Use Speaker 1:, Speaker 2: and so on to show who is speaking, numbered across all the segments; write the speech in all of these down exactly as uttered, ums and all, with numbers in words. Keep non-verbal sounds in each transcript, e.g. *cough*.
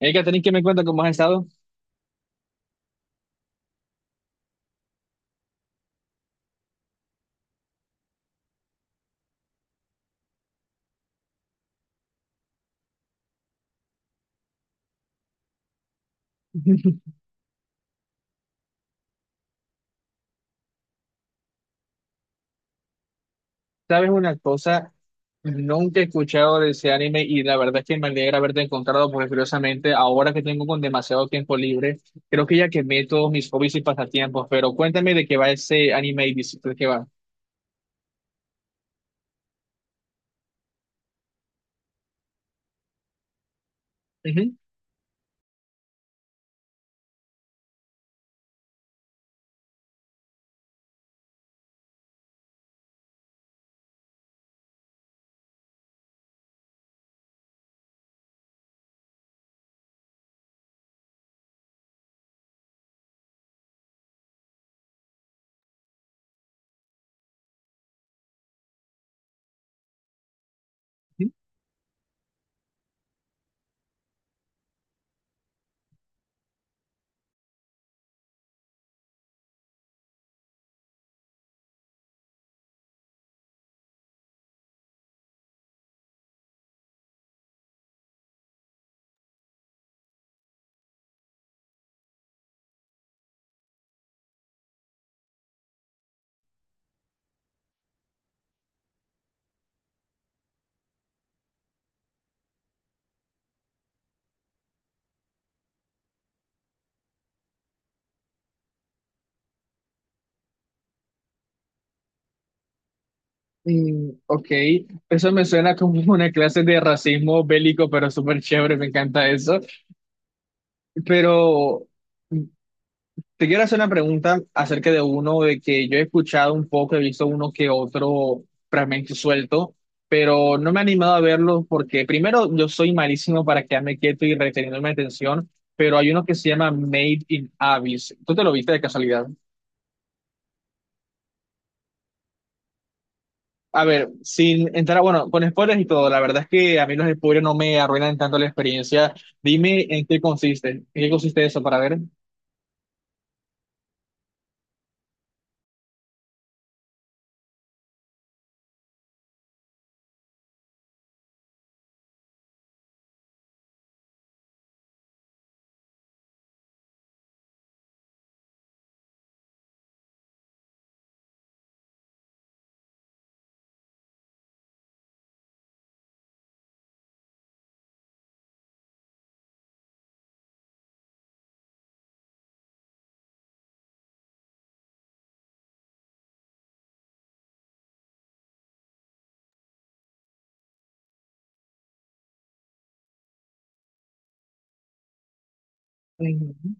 Speaker 1: Hay que tener que me cuenta cómo has estado. *laughs* ¿Sabes una cosa? Nunca he escuchado de ese anime y la verdad es que me alegra haberte encontrado porque curiosamente ahora que tengo con demasiado tiempo libre, creo que ya quemé todos mis hobbies y pasatiempos, pero cuéntame de qué va ese anime y dices de qué va. Ujú, ujú. Mm, ok, eso me suena como *laughs* una clase de racismo bélico, pero súper chévere, me encanta eso. Pero Te quiero hacer una pregunta acerca de uno de que yo he escuchado un poco, he visto uno que otro fragmento suelto, pero no me he animado a verlo porque primero yo soy malísimo para quedarme quieto y reteniendo mi atención, pero hay uno que se llama Made in Abyss. ¿Tú te lo viste de casualidad? A ver, sin entrar, bueno, con spoilers y todo, la verdad es que a mí los spoilers no me arruinan tanto la experiencia. Dime en qué consiste, en qué consiste eso para ver. Ujú.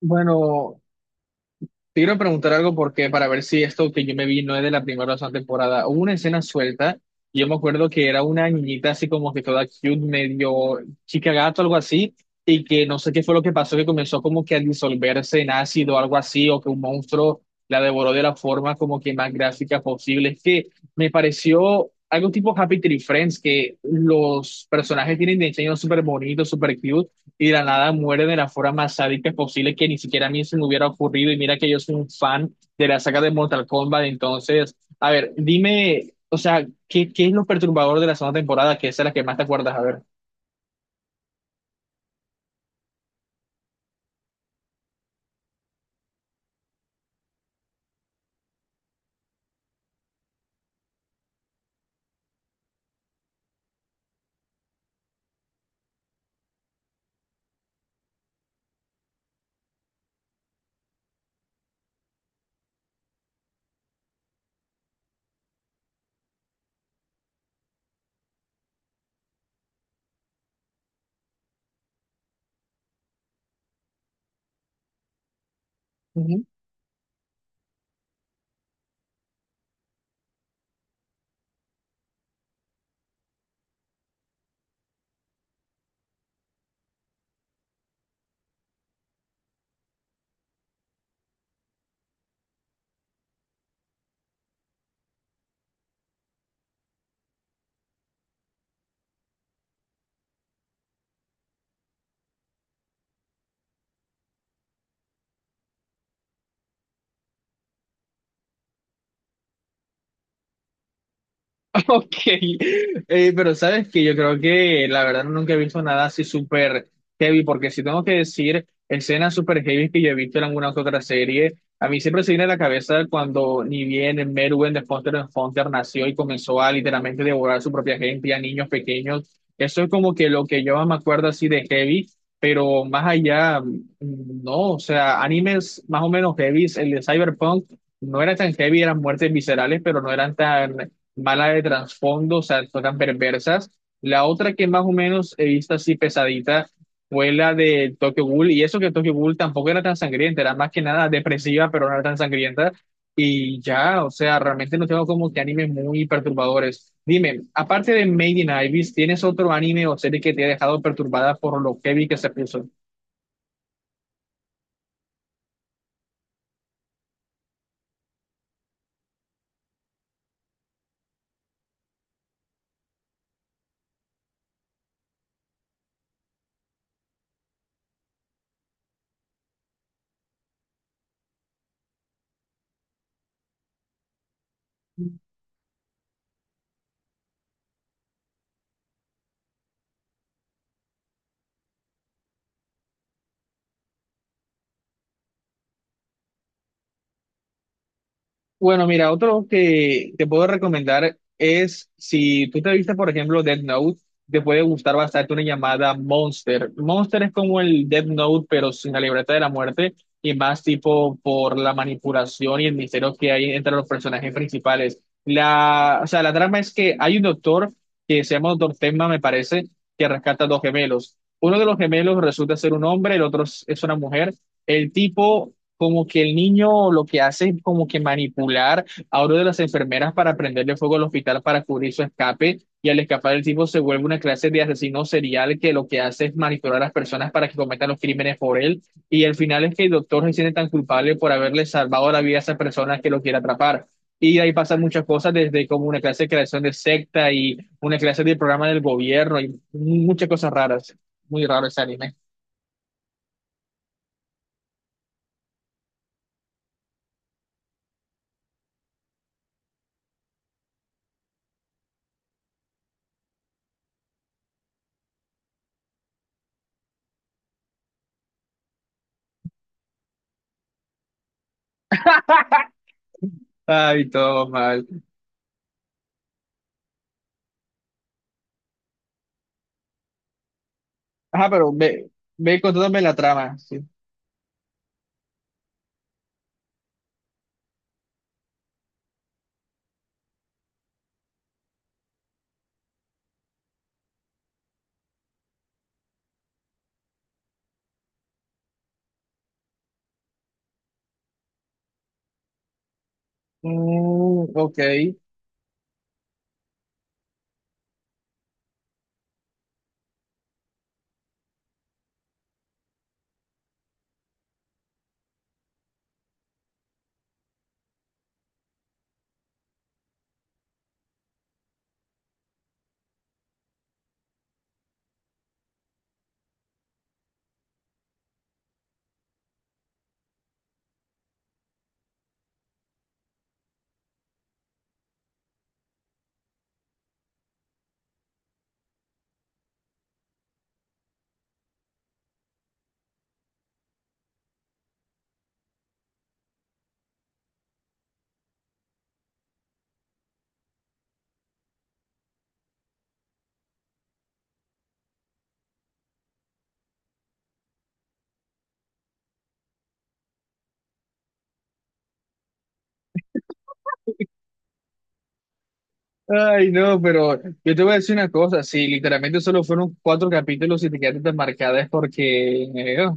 Speaker 1: Bueno. Te quiero preguntar algo porque para ver si esto que yo me vi no es de la primera o segunda temporada. Hubo una escena suelta y yo me acuerdo que era una niñita así como que toda cute, medio chica gato, algo así, y que no sé qué fue lo que pasó, que comenzó como que a disolverse en ácido o algo así, o que un monstruo la devoró de la forma como que más gráfica posible. Es que me pareció algo tipo Happy Tree Friends, que los personajes tienen diseños súper bonitos, súper cute y de la nada muere de la forma más sádica posible que ni siquiera a mí se me hubiera ocurrido. Y mira que yo soy un fan de la saga de Mortal Kombat. Entonces, a ver, dime, o sea, ¿qué, qué es lo perturbador de la segunda temporada? Que esa es la que más te acuerdas, a ver. *laughs* Ok, Eh, pero sabes que yo creo que la verdad nunca he visto nada así súper heavy, porque si tengo que decir escenas súper heavy que yo he visto en alguna que otra serie, a mí siempre se viene a la cabeza cuando ni bien Merwin de Hunter x Hunter nació y comenzó a literalmente devorar a su propia gente, a niños pequeños. Eso es como que lo que yo me acuerdo así de heavy, pero más allá, mm, no, o sea, animes más o menos heavy, el de Cyberpunk no era tan heavy, eran muertes viscerales, pero no eran tan mala de trasfondo, o sea, son tan perversas. La otra que más o menos he visto así pesadita fue la de Tokyo Ghoul, y eso que Tokyo Ghoul tampoco era tan sangrienta, era más que nada depresiva, pero no era tan sangrienta. Y ya, o sea, realmente no tengo como que animes muy perturbadores. Dime, aparte de Made in Abyss, ¿tienes otro anime o serie que te ha dejado perturbada por lo heavy que se puso? Bueno, mira, otro que te puedo recomendar es si tú te viste, por ejemplo, Death Note, te puede gustar bastante una llamada Monster. Monster es como el Death Note, pero sin la libreta de la muerte y más tipo por la manipulación y el misterio que hay entre los personajes principales. La, o sea, la trama es que hay un doctor que se llama Doctor Tenma, me parece, que rescata dos gemelos. Uno de los gemelos resulta ser un hombre, el otro es es una mujer. El tipo como que el niño lo que hace es como que manipular a uno de las enfermeras para prenderle fuego al hospital para cubrir su escape y al escapar el tipo se vuelve una clase de asesino serial que lo que hace es manipular a las personas para que cometan los crímenes por él y al final es que el doctor se siente tan culpable por haberle salvado la vida a esa persona que lo quiere atrapar. Y ahí pasan muchas cosas, desde como una clase de creación de secta y una clase de programa del gobierno y muchas cosas raras. Muy raro ese anime. Ay, todo mal. Ajá, pero ve, ve contándome la trama, sí. Mm, ok. Ay, no, pero yo te voy a decir una cosa, si literalmente solo fueron cuatro capítulos y te quedaste tan marcada es porque eh, oh,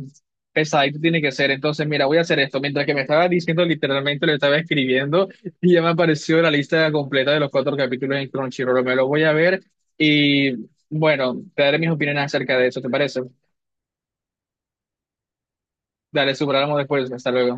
Speaker 1: pesadito tiene que ser. Entonces, mira, voy a hacer esto. Mientras que me estaba diciendo, literalmente lo estaba escribiendo y ya me apareció la lista completa de los cuatro capítulos en Crunchyroll. Me lo voy a ver y bueno, te daré mis opiniones acerca de eso, ¿te parece? Dale, superamos después. Hasta luego.